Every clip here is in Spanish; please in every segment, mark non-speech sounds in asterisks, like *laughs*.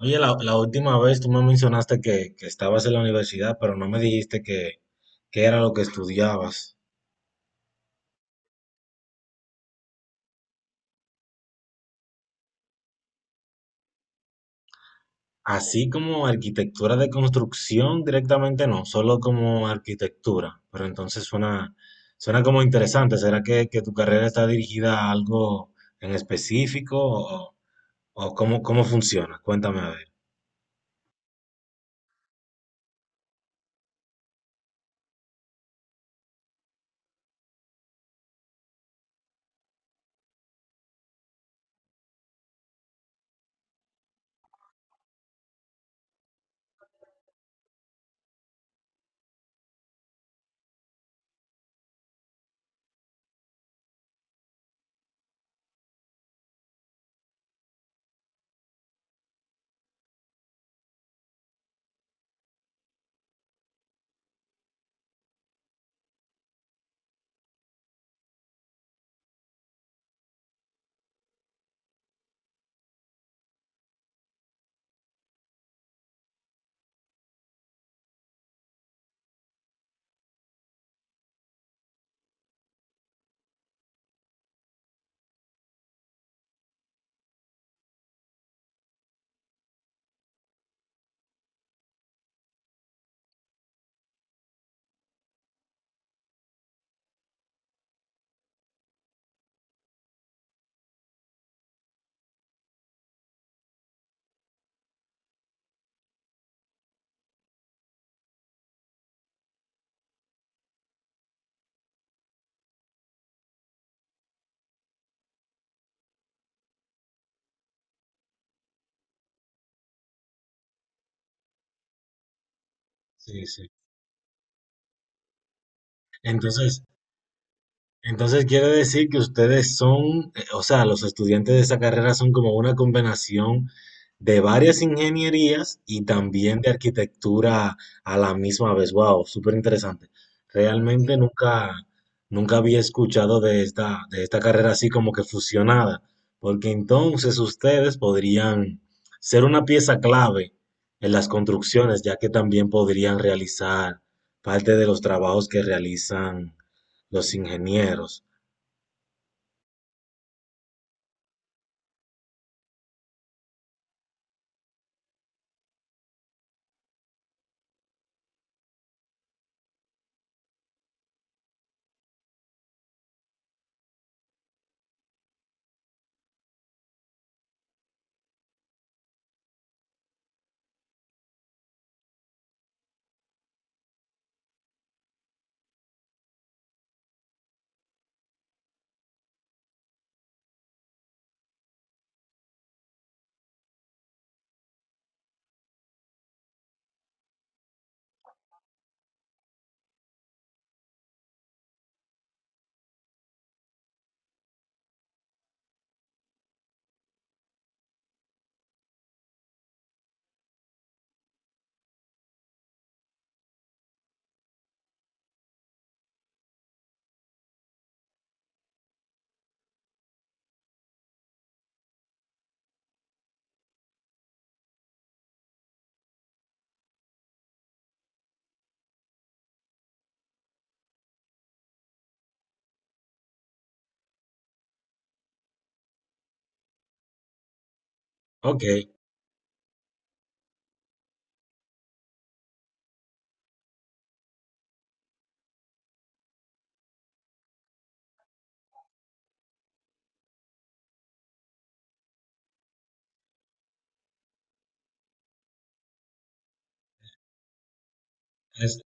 Oye, la última vez tú me mencionaste que estabas en la universidad, pero no me dijiste que, ¿qué era lo que estudiabas? Así como arquitectura de construcción directamente no, solo como arquitectura. Pero entonces suena como interesante. ¿Será que tu carrera está dirigida a algo en específico o cómo, cómo funciona? Cuéntame a ver. Sí, sí. Entonces, Entonces quiere decir que ustedes son, o sea, los estudiantes de esa carrera son como una combinación de varias ingenierías y también de arquitectura a la misma vez. Wow, súper interesante. Realmente nunca, nunca había escuchado de esta carrera así como que fusionada, porque entonces ustedes podrían ser una pieza clave en las construcciones, ya que también podrían realizar parte de los trabajos que realizan los ingenieros. Ok, es,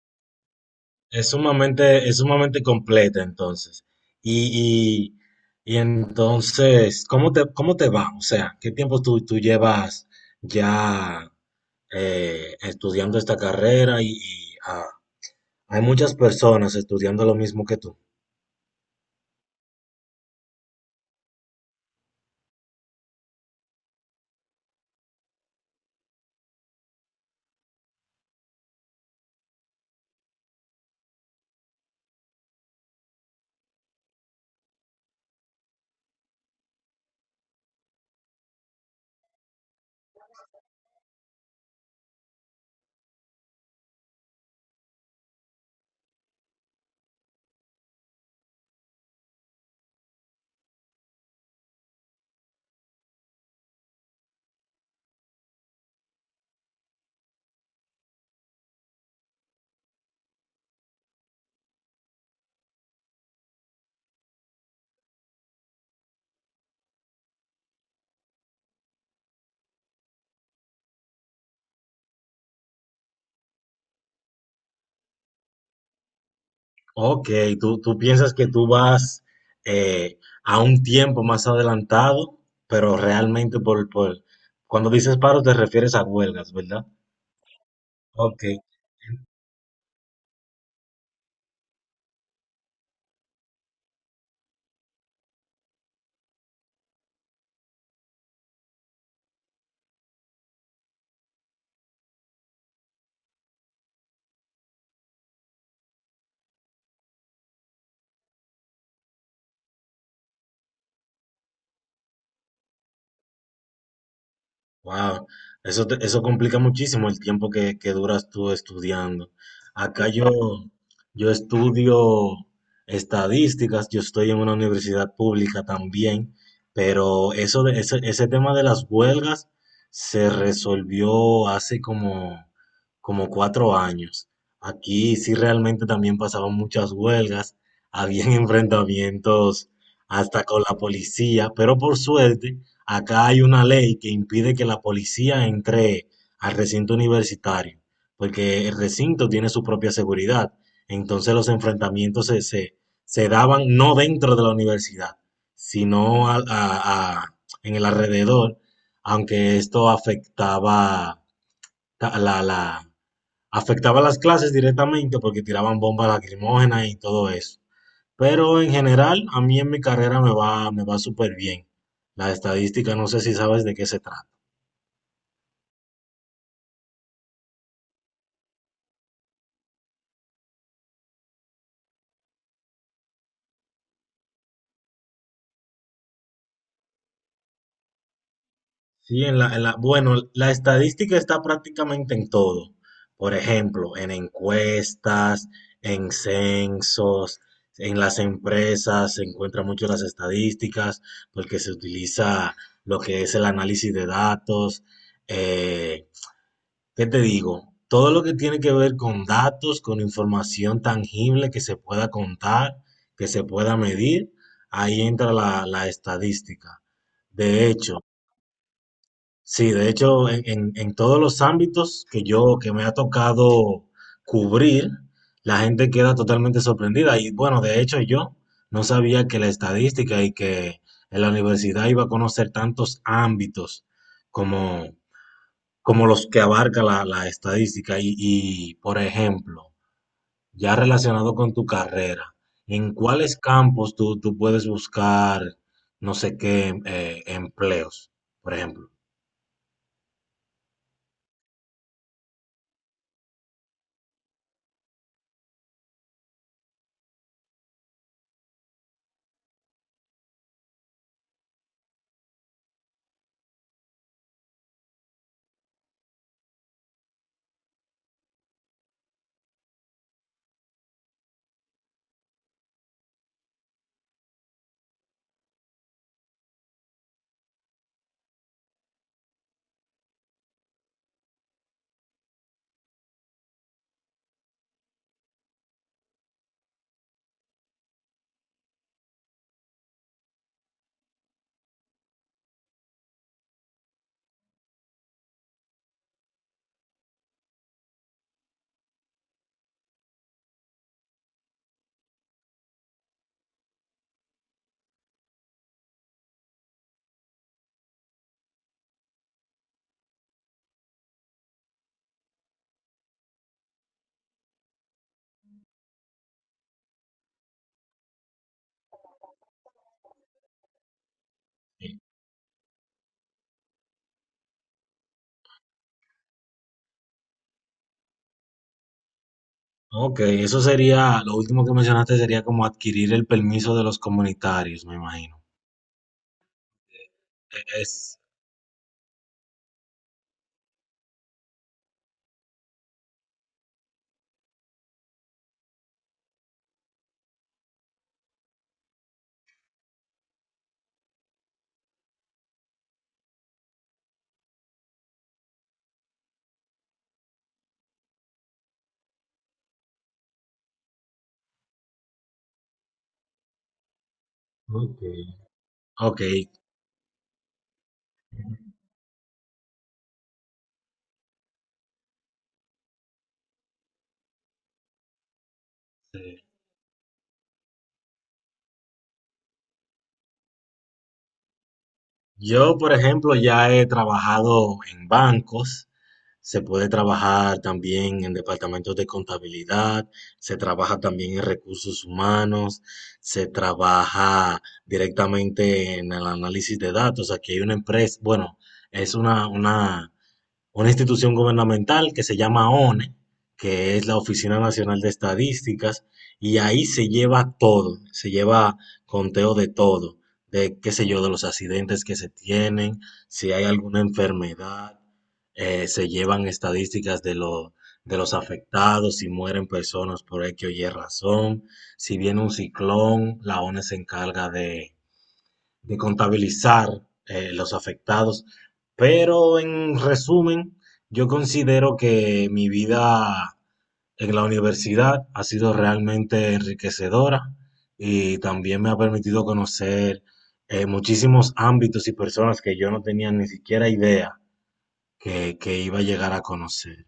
es sumamente, es sumamente completa entonces. Y, y entonces, cómo te va? O sea, ¿qué tiempo tú, tú llevas ya estudiando esta carrera? Y, ah, hay muchas personas estudiando lo mismo que tú. Ok, tú piensas que tú vas a un tiempo más adelantado, pero realmente por, cuando dices paro te refieres a huelgas, ¿verdad? Ok. Wow, eso, te- eso complica muchísimo el tiempo que duras tú estudiando. Acá yo, yo estudio estadísticas, yo estoy en una universidad pública también, pero eso de, ese tema de las huelgas se resolvió hace como, como cuatro años. Aquí sí realmente también pasaban muchas huelgas, habían *laughs* enfrentamientos hasta con la policía, pero por suerte acá hay una ley que impide que la policía entre al recinto universitario, porque el recinto tiene su propia seguridad. Entonces los enfrentamientos se daban no dentro de la universidad, sino al- a- en el alrededor, aunque esto afectaba, ta- la- afectaba las clases directamente porque tiraban bombas lacrimógenas y todo eso. Pero en general, a mí en mi carrera me va súper bien. La estadística, no sé si sabes de qué se trata. Sí, en la- bueno, la estadística está prácticamente en todo. Por ejemplo, en encuestas, en censos, en las empresas se encuentran mucho las estadísticas porque se utiliza lo que es el análisis de datos. eh, ¿Qué te digo? Todo lo que tiene que ver con datos, con información tangible que se pueda contar, que se pueda medir, ahí entra la estadística. De hecho, sí, de hecho, en todos los ámbitos que yo, que me ha tocado cubrir, la gente queda totalmente sorprendida. Y bueno, de hecho, yo no sabía que la estadística y que en la universidad iba a conocer tantos ámbitos como como los que abarca la estadística. Y, por ejemplo, ya relacionado con tu carrera, ¿en cuáles campos tú, tú puedes buscar no sé qué empleos, por ejemplo? Sí. Ok, eso sería, lo último que mencionaste sería como adquirir el permiso de los comunitarios, me imagino. Es, ok, ok. Sí. Yo, por ejemplo, ya he trabajado en bancos. Se puede trabajar también en departamentos de contabilidad, se trabaja también en recursos humanos, se trabaja directamente en el análisis de datos. Aquí hay una empresa, bueno, es una institución gubernamental que se llama ONE, que es la Oficina Nacional de Estadísticas, y ahí se lleva todo, se lleva conteo de todo, de qué sé yo, de los accidentes que se tienen, si hay alguna enfermedad, se llevan estadísticas de lo- de los afectados, si mueren personas por X o Y razón, si viene un ciclón, la ONE se encarga de contabilizar los afectados. Pero en resumen, yo considero que mi vida en la universidad ha sido realmente enriquecedora y también me ha permitido conocer muchísimos ámbitos y personas que yo no tenía ni siquiera idea que iba a llegar a conocer.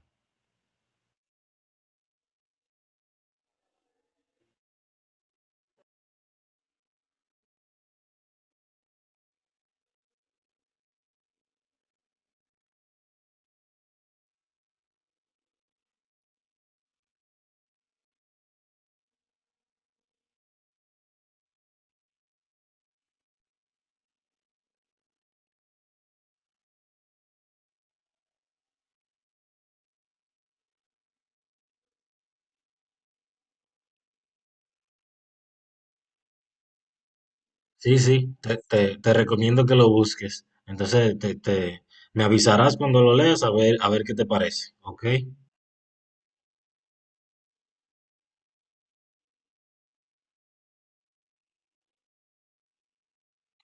Sí, sí, te- te recomiendo que lo busques. Entonces, te- me avisarás cuando lo leas a ver qué te parece, ¿ok?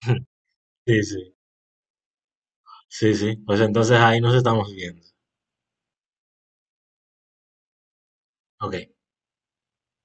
*laughs* Sí, sí. Sí, sí. Pues entonces ahí nos estamos viendo. Ok.